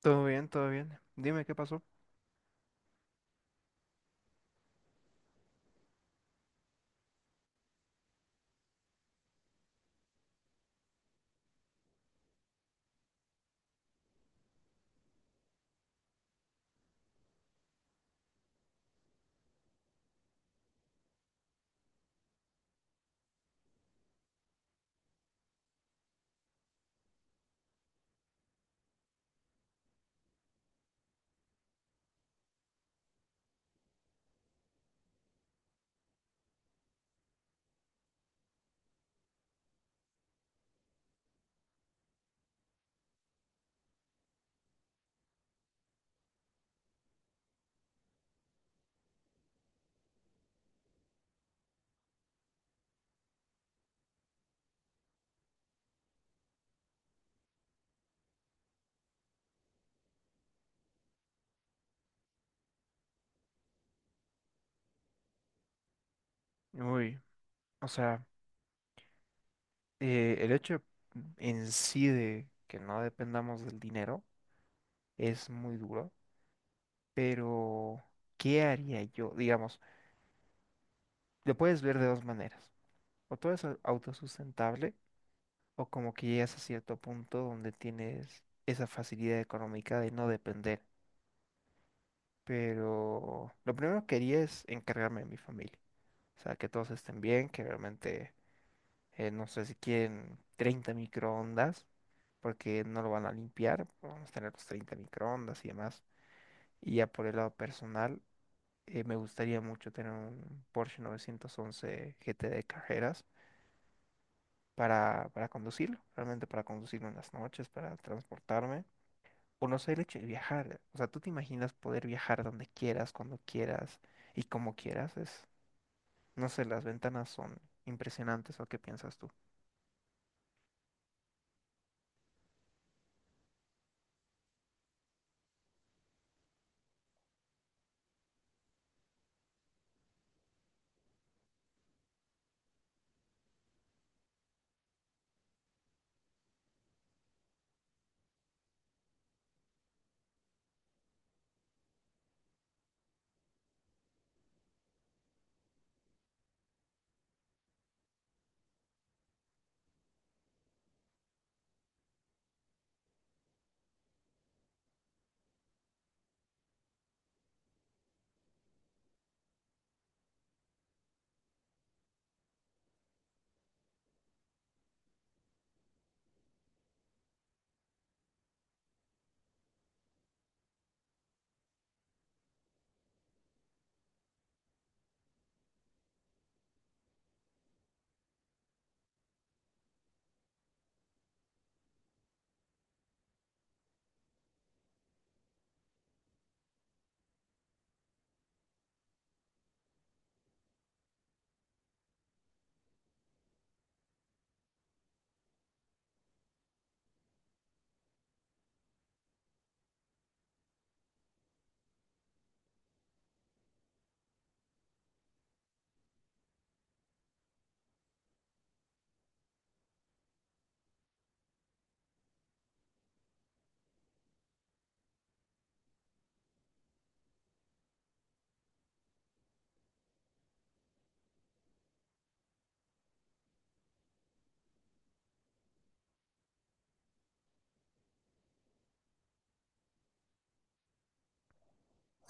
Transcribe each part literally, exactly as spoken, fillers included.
Todo bien, todo bien. Dime qué pasó. Uy, o sea, eh, el hecho en sí de que no dependamos del dinero es muy duro, pero ¿qué haría yo? Digamos, lo puedes ver de dos maneras. O todo es au- autosustentable, o como que llegas a cierto punto donde tienes esa facilidad económica de no depender. Pero lo primero que haría es encargarme de mi familia. O sea, que todos estén bien, que realmente, eh, no sé si quieren treinta microondas, porque no lo van a limpiar, vamos a tener los treinta microondas y demás. Y ya por el lado personal, eh, me gustaría mucho tener un Porsche nueve once G T de carreras para, para conducirlo, realmente para conducirlo en las noches, para transportarme. Conocer el hecho de viajar, o sea, tú te imaginas poder viajar donde quieras, cuando quieras y como quieras, es, no sé, las ventanas son impresionantes. ¿O qué piensas tú?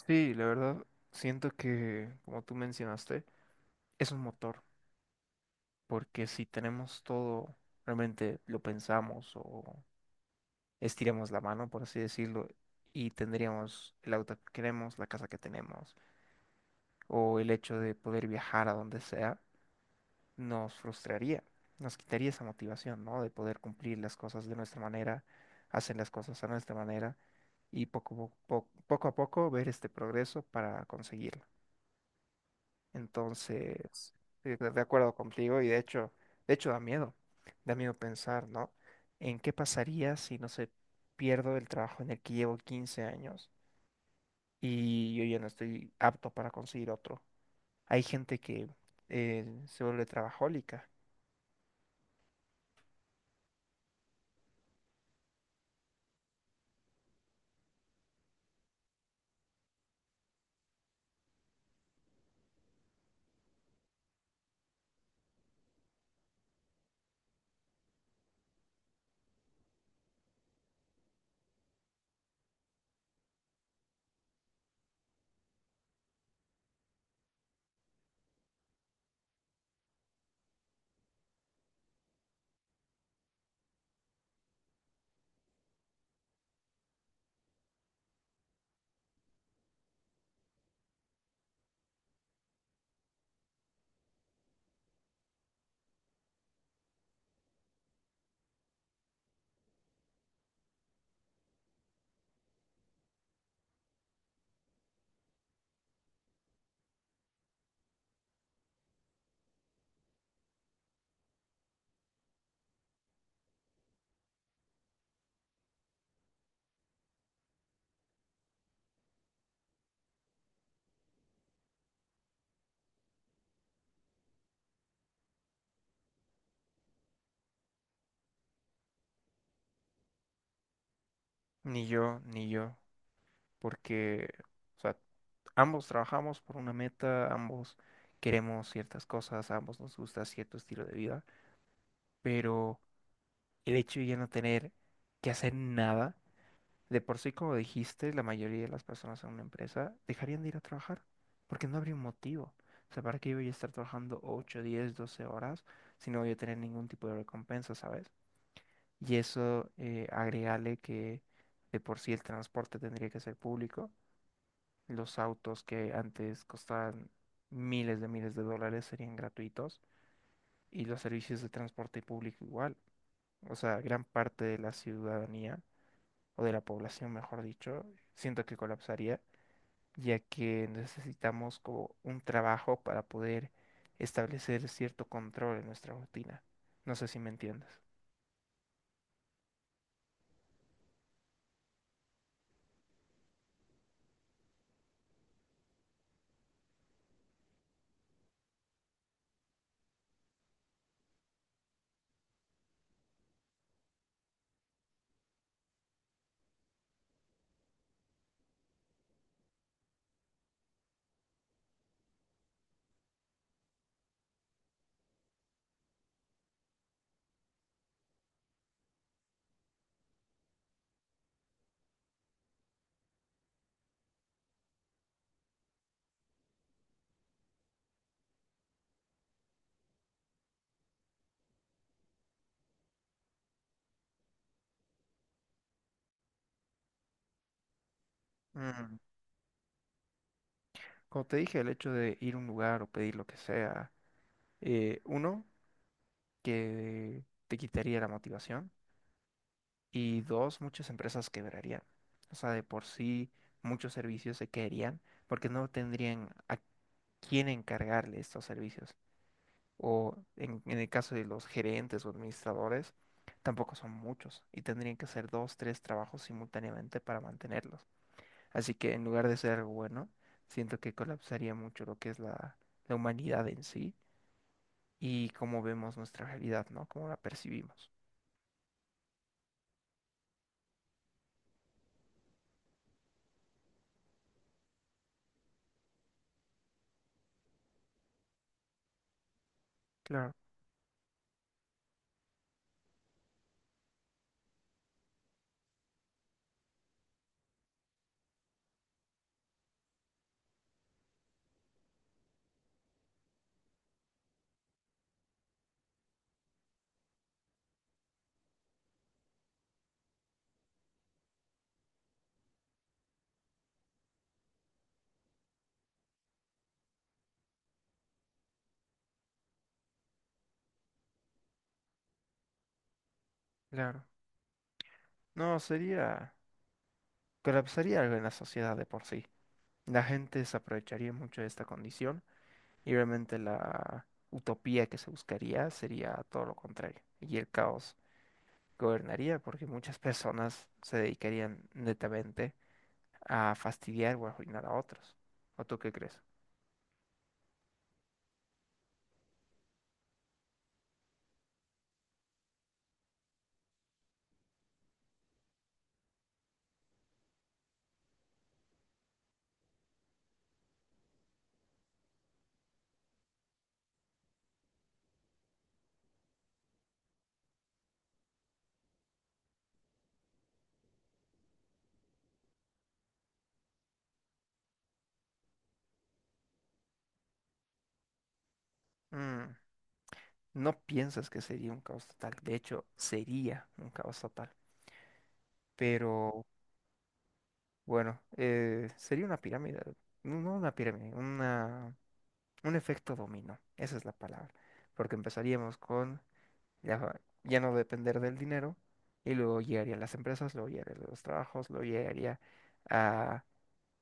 Sí, la verdad, siento que, como tú mencionaste, es un motor, porque si tenemos todo, realmente lo pensamos o estiramos la mano, por así decirlo, y tendríamos el auto que queremos, la casa que tenemos, o el hecho de poder viajar a donde sea, nos frustraría, nos quitaría esa motivación, ¿no? De poder cumplir las cosas de nuestra manera, hacer las cosas a nuestra manera, y poco, a poco, poco a poco ver este progreso para conseguirlo. Entonces, sí, de de acuerdo contigo y de hecho, de hecho da miedo, da miedo pensar, ¿no? ¿En qué pasaría si, no se, pierdo el trabajo en el que llevo quince años y yo ya no estoy apto para conseguir otro? Hay gente que eh, se vuelve trabajólica, ni yo, ni yo, porque, o sea, ambos trabajamos por una meta, ambos queremos ciertas cosas, a ambos nos gusta cierto estilo de vida, pero el hecho de ya no tener que hacer nada. De por sí, como dijiste, la mayoría de las personas en una empresa dejarían de ir a trabajar porque no habría un motivo. O sea, ¿para qué yo voy a estar trabajando ocho, diez, doce horas si no voy a tener ningún tipo de recompensa, ¿sabes? Y eso, eh, agregale que de por sí el transporte tendría que ser público. Los autos que antes costaban miles de miles de dólares serían gratuitos y los servicios de transporte público igual. O sea, gran parte de la ciudadanía o de la población, mejor dicho, siento que colapsaría ya que necesitamos como un trabajo para poder establecer cierto control en nuestra rutina. No sé si me entiendes. Mm, como te dije, el hecho de ir a un lugar o pedir lo que sea, eh, uno, que te quitaría la motivación y dos, muchas empresas quebrarían. O sea, de por sí muchos servicios se caerían porque no tendrían a quién encargarle estos servicios, o en, en el caso de los gerentes o administradores, tampoco son muchos y tendrían que hacer dos, tres trabajos simultáneamente para mantenerlos. Así que en lugar de ser algo bueno, siento que colapsaría mucho lo que es la, la humanidad en sí y cómo vemos nuestra realidad, ¿no? Cómo la percibimos. Claro, claro. No, sería, colapsaría algo en la sociedad de por sí. La gente se aprovecharía mucho de esta condición y realmente la utopía que se buscaría sería todo lo contrario y el caos gobernaría, porque muchas personas se dedicarían netamente a fastidiar o arruinar a otros. ¿O tú qué crees? Mm, no piensas que sería un caos total, de hecho, sería un caos total. Pero bueno, eh, sería una pirámide, no no una pirámide, una, un efecto dominó, esa es la palabra. Porque empezaríamos con ya, ya no depender del dinero, y luego llegarían las empresas, luego llegarían los trabajos, luego llegaría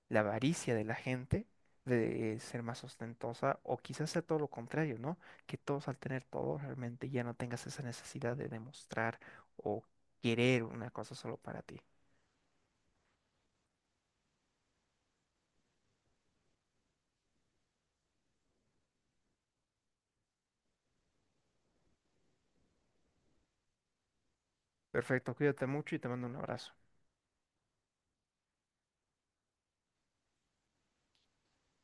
la avaricia de la gente de ser más ostentosa o quizás sea todo lo contrario, ¿no? Que todos al tener todo realmente ya no tengas esa necesidad de demostrar o querer una cosa solo para ti. Perfecto, cuídate mucho y te mando un abrazo.